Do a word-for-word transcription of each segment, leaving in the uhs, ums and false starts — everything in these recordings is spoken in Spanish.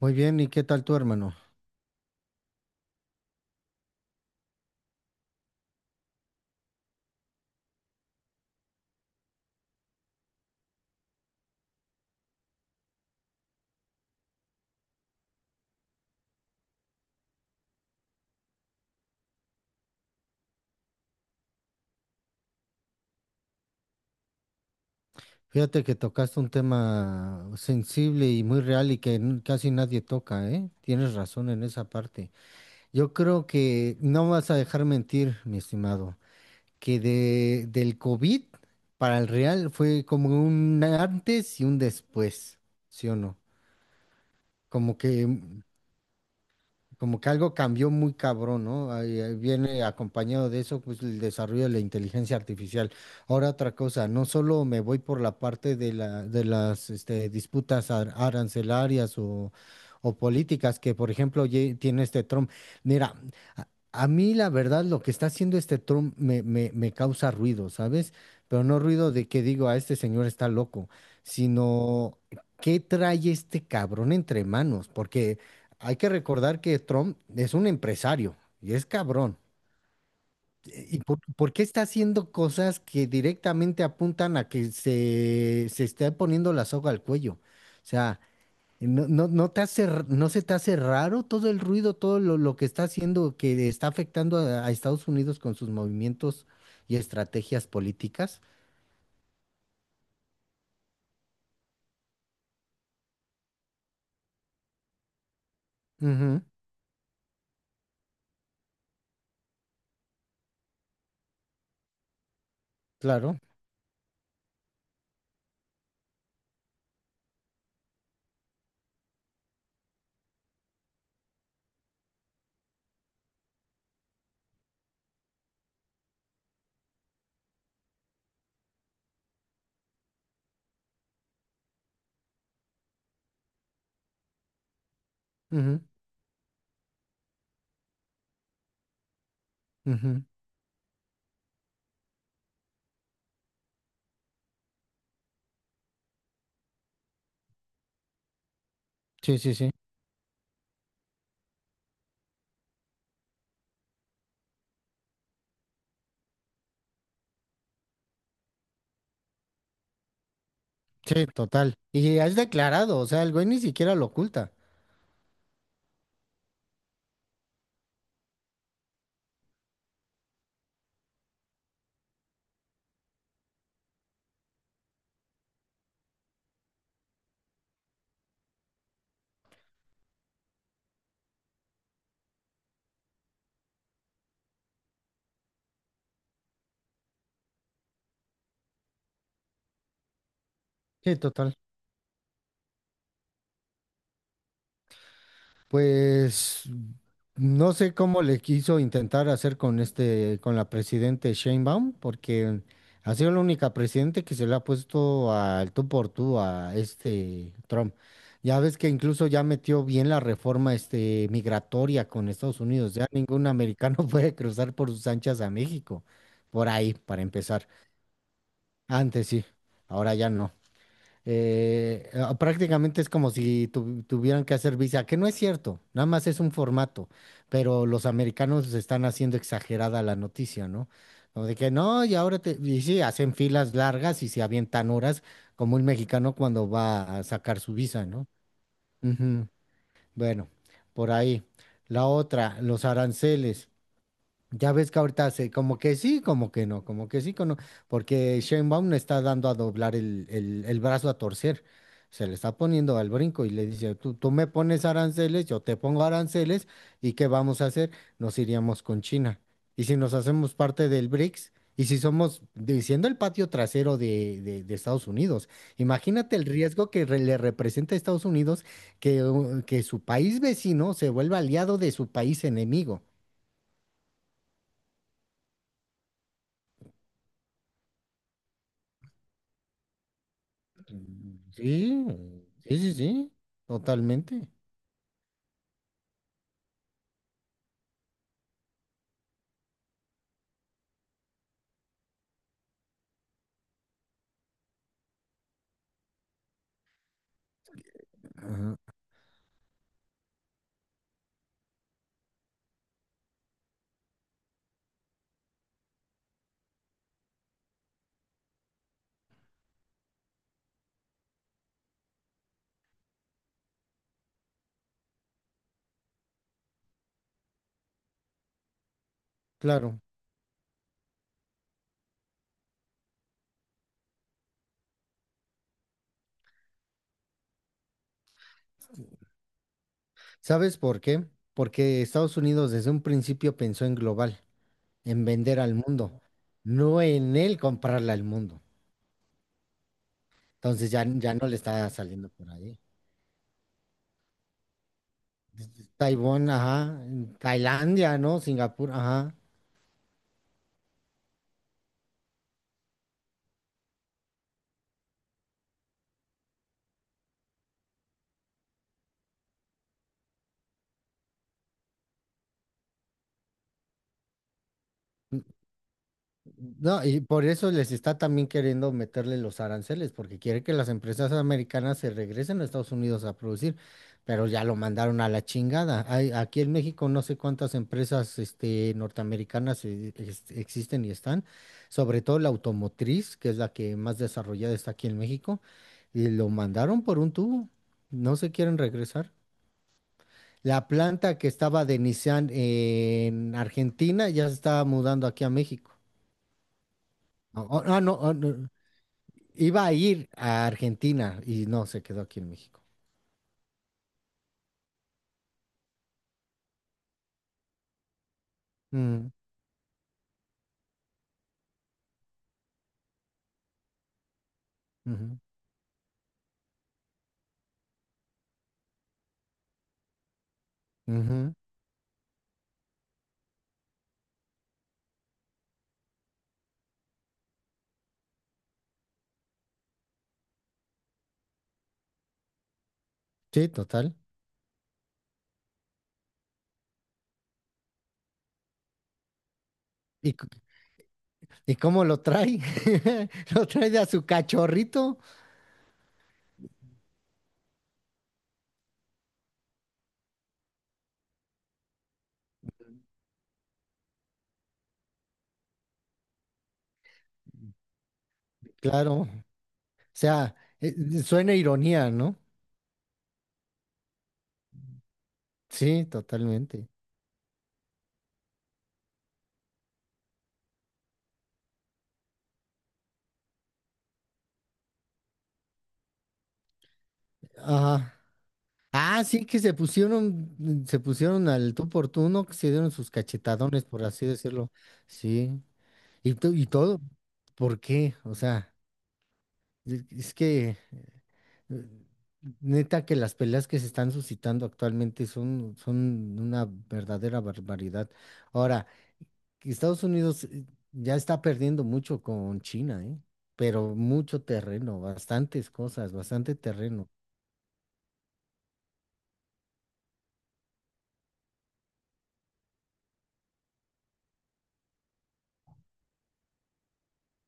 Muy bien, ¿y qué tal tu hermano? Fíjate que tocaste un tema sensible y muy real y que n- casi nadie toca, ¿eh? Tienes razón en esa parte. Yo creo que no vas a dejar mentir, mi estimado, que de, del COVID para el real fue como un antes y un después, ¿sí o no? Como que como que algo cambió muy cabrón, ¿no? Ahí, ahí viene acompañado de eso, pues el desarrollo de la inteligencia artificial. Ahora otra cosa, no solo me voy por la parte de la, de las este, disputas ar- arancelarias o, o políticas que, por ejemplo, ye- tiene este Trump. Mira, a, a mí la verdad lo que está haciendo este Trump me, me, me causa ruido, ¿sabes? Pero no ruido de que digo, a este señor está loco, sino... ¿Qué trae este cabrón entre manos? Porque hay que recordar que Trump es un empresario y es cabrón. ¿Y por, por qué está haciendo cosas que directamente apuntan a que se, se esté poniendo la soga al cuello? O sea, no, no, no te hace, r- ¿no se te hace raro todo el ruido, todo lo, lo que está haciendo, que está afectando a, a Estados Unidos con sus movimientos y estrategias políticas? Ujú, claro. Ujú, ujú. Sí, sí, sí. Sí, total. Y has declarado, o sea, el güey ni siquiera lo oculta. Sí, total. Pues no sé cómo le quiso intentar hacer con este, con la presidente Sheinbaum, porque ha sido la única presidente que se le ha puesto al tú por tú a este Trump. Ya ves que incluso ya metió bien la reforma este migratoria con Estados Unidos. Ya ningún americano puede cruzar por sus anchas a México. Por ahí, para empezar. Antes sí, ahora ya no. Eh, ah, prácticamente es como si tu- tuvieran que hacer visa, que no es cierto, nada más es un formato, pero los americanos están haciendo exagerada la noticia, ¿no? Como de que no, y ahora te, y sí, hacen filas largas y se avientan horas, como un mexicano cuando va a sacar su visa, ¿no? Ujú. Bueno, por ahí. La otra, los aranceles. Ya ves que ahorita hace como que sí, como que no, como que sí, como no, porque Sheinbaum le está dando a doblar el, el, el brazo a torcer. Se le está poniendo al brinco y le dice, tú, tú me pones aranceles, yo te pongo aranceles, ¿y qué vamos a hacer? Nos iríamos con China. Y si nos hacemos parte del BRICS, y si somos, diciendo el patio trasero de, de, de Estados Unidos, imagínate el riesgo que re- le representa a Estados Unidos que, uh, que su país vecino se vuelva aliado de su país enemigo. Sí, sí, sí, sí, totalmente. Ajá. Claro. ¿Sabes por qué? Porque Estados Unidos desde un principio pensó en global, en vender al mundo, no en él comprarle al mundo. Entonces ya, ya no le está saliendo por ahí. Taiwán, ajá, Tailandia, ¿no? Singapur, ajá. No, y por eso les está también queriendo meterle los aranceles, porque quiere que las empresas americanas se regresen a Estados Unidos a producir, pero ya lo mandaron a la chingada. Hay, aquí en México no sé cuántas empresas este, norteamericanas eh, ex- existen y están, sobre todo la automotriz, que es la que más desarrollada está aquí en México, y lo mandaron por un tubo, no se quieren regresar. La planta que estaba de Nissan en Argentina ya se estaba mudando aquí a México. Ah, ah, no, ah, no. Iba a ir a Argentina y no, se quedó aquí en México. Mm, ujú, ujú. Sí, total. ¿Y, c- y cómo lo trae? Lo trae de a su cachorrito. Claro. O sea, eh, eh, suena ironía, ¿no? Sí, totalmente. Ajá. Ah, sí, que se pusieron, mm, se pusieron al tú por tú, ¿no? Que se dieron sus cachetadones, por así decirlo. Sí. Y, to- y todo, ¿por qué? O sea, es es que... eh, Neta que las peleas que se están suscitando actualmente son, son una verdadera barbaridad. Ahora, Estados Unidos eh, ya está perdiendo mucho con China, ¿eh? Pero mucho terreno, bastantes cosas, bastante terreno.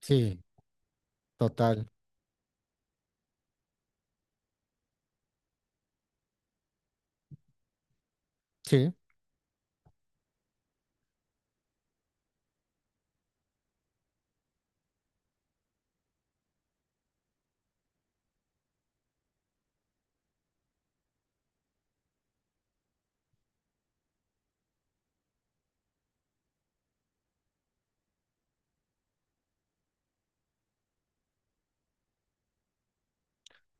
Sí, total. Sí.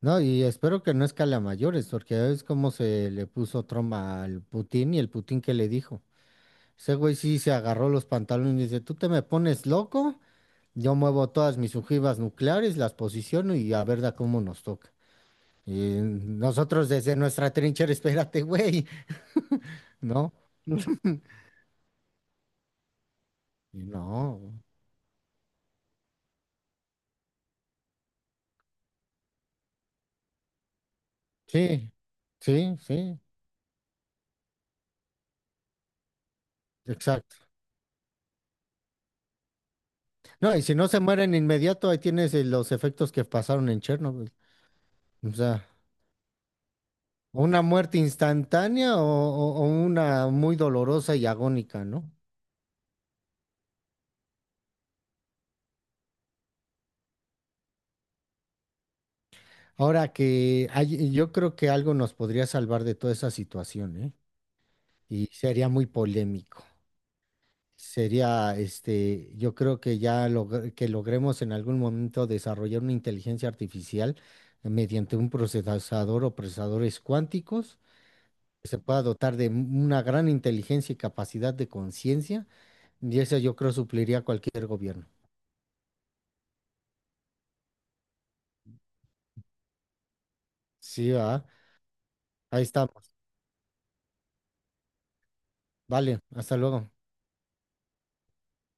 No, y espero que no escale a mayores, porque ya es como se le puso Trump al Putin y el Putin que le dijo. Ese güey sí se agarró los pantalones y dice, ¿tú te me pones loco? Yo muevo todas mis ojivas nucleares, las posiciono y a ver da cómo nos toca. Y nosotros desde nuestra trinchera, espérate, güey, ¿no? Y no, sí, sí, sí, exacto. No, y si no se mueren inmediato, ahí tienes eh, los efectos que pasaron en Chernobyl. O sea, una muerte instantánea o, o- o una muy dolorosa y agónica, ¿no? Ahora que hay- yo creo que algo nos podría salvar de toda esa situación, ¿eh? Y sería muy polémico. Sería, este, yo creo que ya logr- que logremos en algún momento desarrollar una inteligencia artificial mediante un procesador o procesadores cuánticos que se pueda dotar de m- una gran inteligencia y capacidad de conciencia, y eso yo creo supliría a cualquier gobierno. Sí, ¿verdad? Ahí estamos. Vale, hasta luego.